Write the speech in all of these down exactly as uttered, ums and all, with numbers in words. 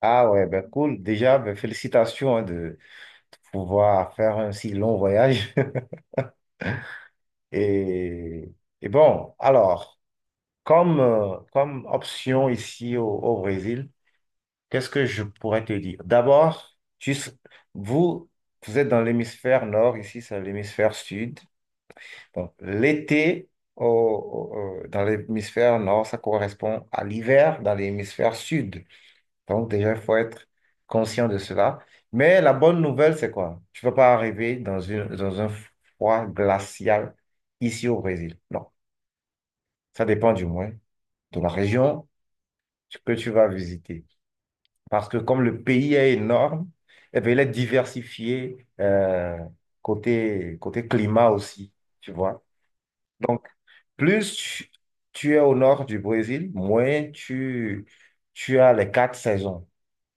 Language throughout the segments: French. Ah ouais, ben cool. Déjà, ben félicitations hein, de, de pouvoir faire un si long voyage. Et, et bon, alors, comme, euh, Comme option ici au, au Brésil, qu'est-ce que je pourrais te dire? D'abord, tu s- vous, vous êtes dans l'hémisphère nord, ici c'est l'hémisphère sud. Donc, l'été au- au- au- dans l'hémisphère nord, ça correspond à l'hiver dans l'hémisphère sud. Donc déjà, il faut être conscient de cela. Mais la bonne nouvelle, c'est quoi? Tu ne vas pas arriver dans une, dans un froid glacial ici au Brésil. Non, ça dépend du moins de la région que tu vas visiter. Parce que comme le pays est énorme, eh bien, il est diversifié euh, côté, côté climat aussi, tu vois. Plus tu, tu es au nord du Brésil, moins tu, tu as les quatre saisons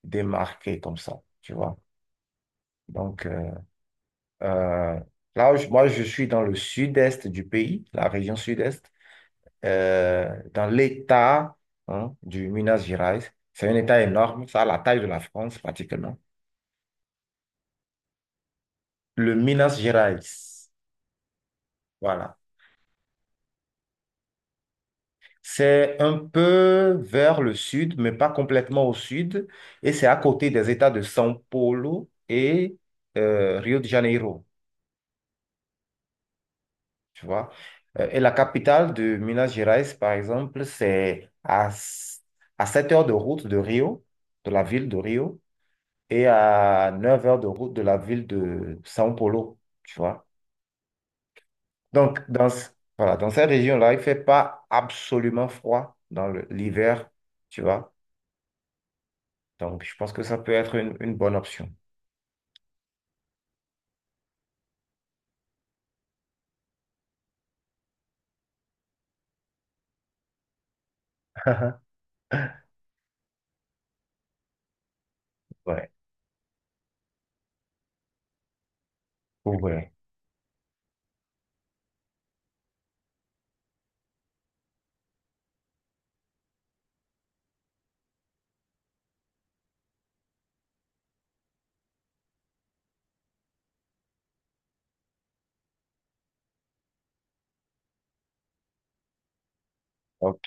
démarquées comme ça, tu vois. Donc, euh, Euh, là, je- Moi, je suis dans le sud-est du pays, la région sud-est, euh, dans l'État, hein, du Minas Gerais. C'est un État énorme, ça a la taille de la France pratiquement. Le Minas Gerais, voilà. C'est un peu vers le sud, mais pas complètement au sud. Et c'est à côté des États de São Paulo et euh, Rio de Janeiro. Tu vois. Euh, et la capitale de Minas Gerais, par exemple, c'est à, s- à sept heures de route de Rio, de la ville de Rio, et à neuf heures de route de la ville de São Paulo, tu vois. Donc, dans, ce- voilà, dans cette région-là, il ne fait pas absolument froid dans le- l'hiver, tu vois. Donc, je pense que ça peut être une, une bonne option. Ouais, ouais, ok.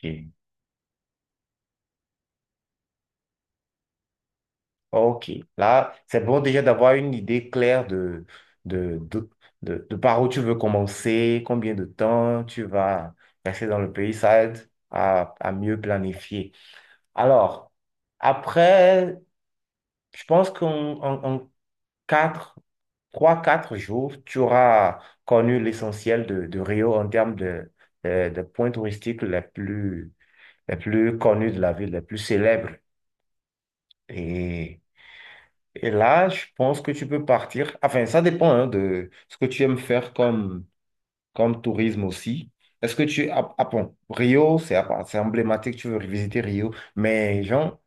Ok, là, c'est bon déjà d'avoir une idée claire de, de, de, de, de par où tu veux commencer, combien de temps tu vas rester dans le pays, ça aide à, à mieux planifier. Alors, après, je pense qu'en en, en quatre, trois, quatre jours, tu auras connu l'essentiel de, de Rio en termes de, de, de points touristiques les plus, les plus connus de la ville, les plus célèbres. Et Et là, je pense que tu peux partir. Enfin, ça dépend hein, de ce que tu aimes faire comme, comme tourisme aussi. Est-ce que tu... Ah, ah bon, Rio, c'est à c'est emblématique, tu veux visiter Rio. Mais genre,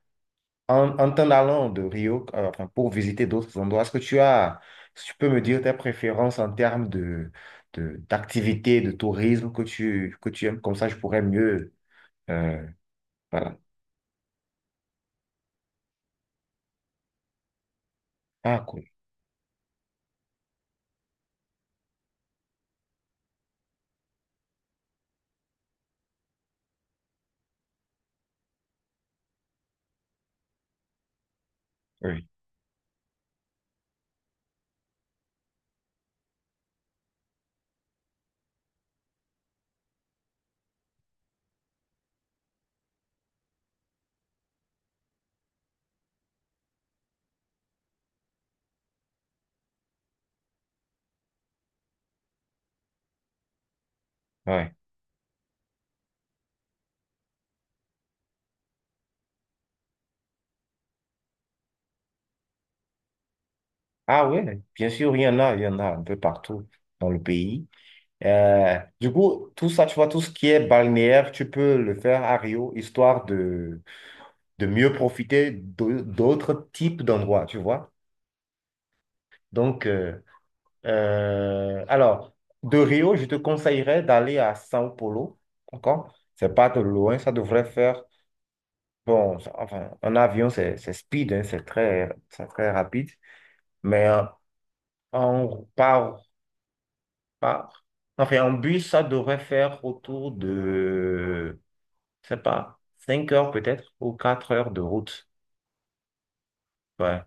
en, en t'en allant de Rio, euh, enfin, pour visiter d'autres endroits, est-ce que tu as... est-ce que tu peux me dire tes préférences en termes de, de, d'activité, de tourisme que tu, que tu aimes? Comme ça, je pourrais mieux... euh, voilà. Ah, cool. Oui. Ouais. Ah oui, bien sûr, il y en a, il y en a un peu partout dans le pays. Euh, du coup, tout ça, tu vois, tout ce qui est balnéaire, tu peux le faire à Rio, histoire de, de mieux profiter d'au- d'autres types d'endroits, tu vois. Donc, euh, euh, alors, de Rio, je te conseillerais d'aller à São Paulo, d'accord? C'est pas de loin, ça devrait faire, bon, ça- enfin, en avion, c'est c'est speed, hein, c'est très, c'est très rapide, mais euh, en, par, par, enfin, en bus, ça devrait faire autour de... je sais pas, cinq heures peut-être ou quatre heures de route. Ouais.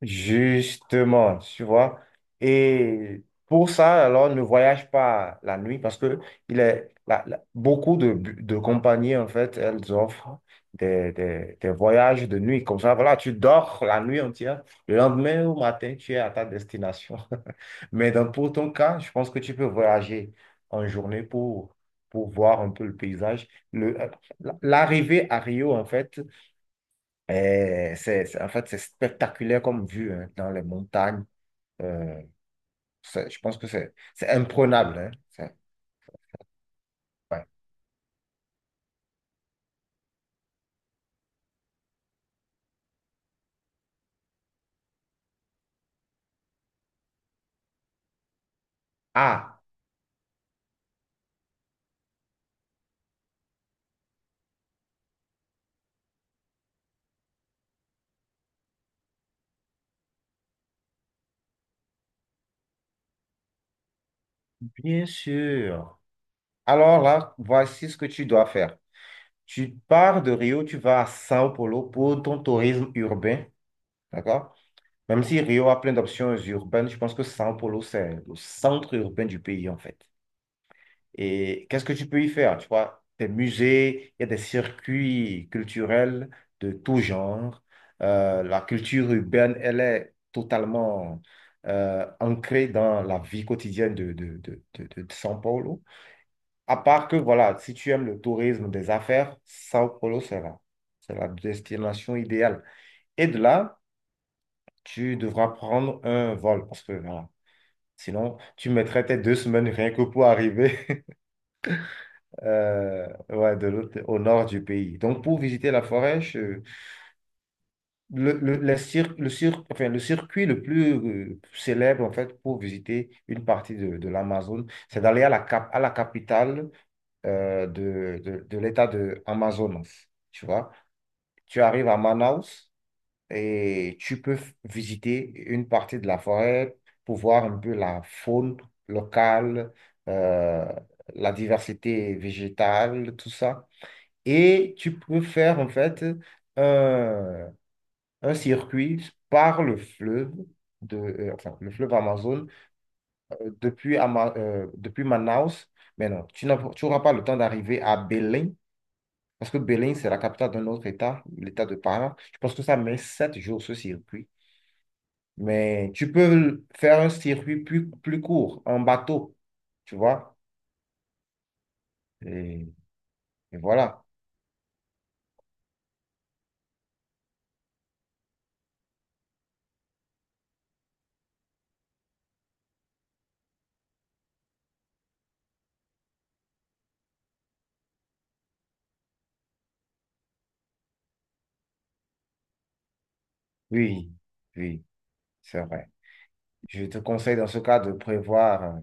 Justement, tu vois. Et pour ça, alors, ne voyage pas la nuit parce que il est, la- la- beaucoup de, de compagnies, en fait, elles offrent des, des, des voyages de nuit. Comme ça, voilà, tu dors la nuit entière. Le lendemain au matin, tu es à ta destination. Mais dans, pour ton cas, je pense que tu peux voyager en journée pour, pour voir un peu le paysage. Le, euh, L'arrivée à Rio, en fait, et c'est, c'est- en fait, c'est spectaculaire comme vue hein, dans les montagnes. Euh, c'est- je pense que c'est c'est imprenable, hein. C'est- Ah, bien sûr. Alors là, voici ce que tu dois faire. Tu pars de Rio, tu vas à Sao Paulo pour ton tourisme urbain. D'accord? Même si Rio a plein d'options urbaines, je pense que Sao Paulo, c'est le centre urbain du pays, en fait. Et qu'est-ce que tu peux y faire? Tu vois, des musées, il y a des circuits culturels de tout genre. Euh, la culture urbaine, elle est totalement euh, ancrée dans la vie quotidienne de, de, de, de, de- de São Paulo. À part que, voilà, si tu aimes le tourisme des affaires, São Paulo, c'est là. C'est la destination idéale. Et de là, tu devras prendre un vol parce que, voilà, sinon, tu mettrais tes deux semaines rien que pour arriver euh, ouais, de l'autre, au nord du pays. Donc, pour visiter la forêt, je- le, le, les cir- le, cir- enfin, le circuit le plus euh, célèbre, en fait, pour visiter une partie de, de l'Amazone, c'est d'aller à la, cap- à la capitale euh, de, de, de l'État de Amazonas. Tu vois, tu arrives à Manaus et tu peux f- visiter une partie de la forêt pour voir un peu la faune locale, euh, la diversité végétale, tout ça. Et tu peux faire en fait un, un circuit par le fleuve, de, euh, enfin, le fleuve Amazon, euh, depuis, Ama- euh, depuis Manaus. Mais non, tu n'as- tu n'auras pas le temps d'arriver à Belém, parce que Belém, c'est la capitale d'un autre État, l'État de Pará. Je pense que ça met sept jours ce circuit. Mais tu peux faire un circuit plus, plus court, en bateau, tu vois. Et, et voilà. Oui, oui, c'est vrai. Je te conseille dans ce cas de prévoir, euh,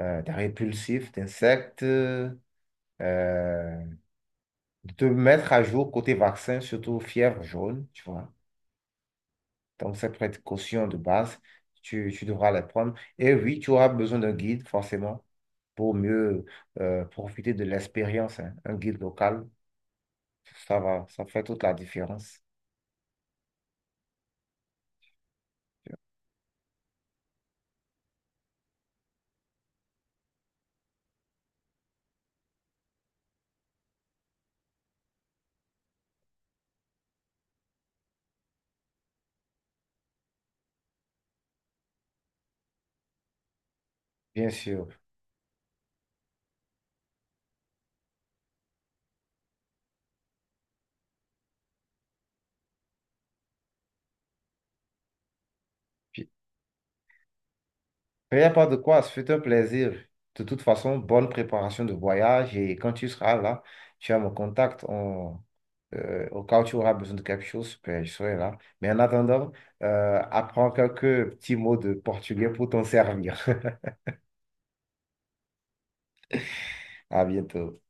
euh, d'un répulsif, d'insectes, euh, de te mettre à jour côté vaccin, surtout fièvre jaune, tu vois. Donc, cette précaution de base, tu, tu devras les prendre. Et oui, tu auras besoin d'un guide, forcément, pour mieux euh, profiter de l'expérience, hein. Un guide local, ça va, ça fait toute la différence, bien sûr. Il n'y a pas de quoi, ce fut un plaisir. De toute façon, bonne préparation de voyage et quand tu seras là, tu as mon contact. On, euh, au cas où tu auras besoin de quelque chose, ben, je serai là. Mais en attendant, euh, apprends quelques petits mots de portugais pour t'en servir. À bientôt.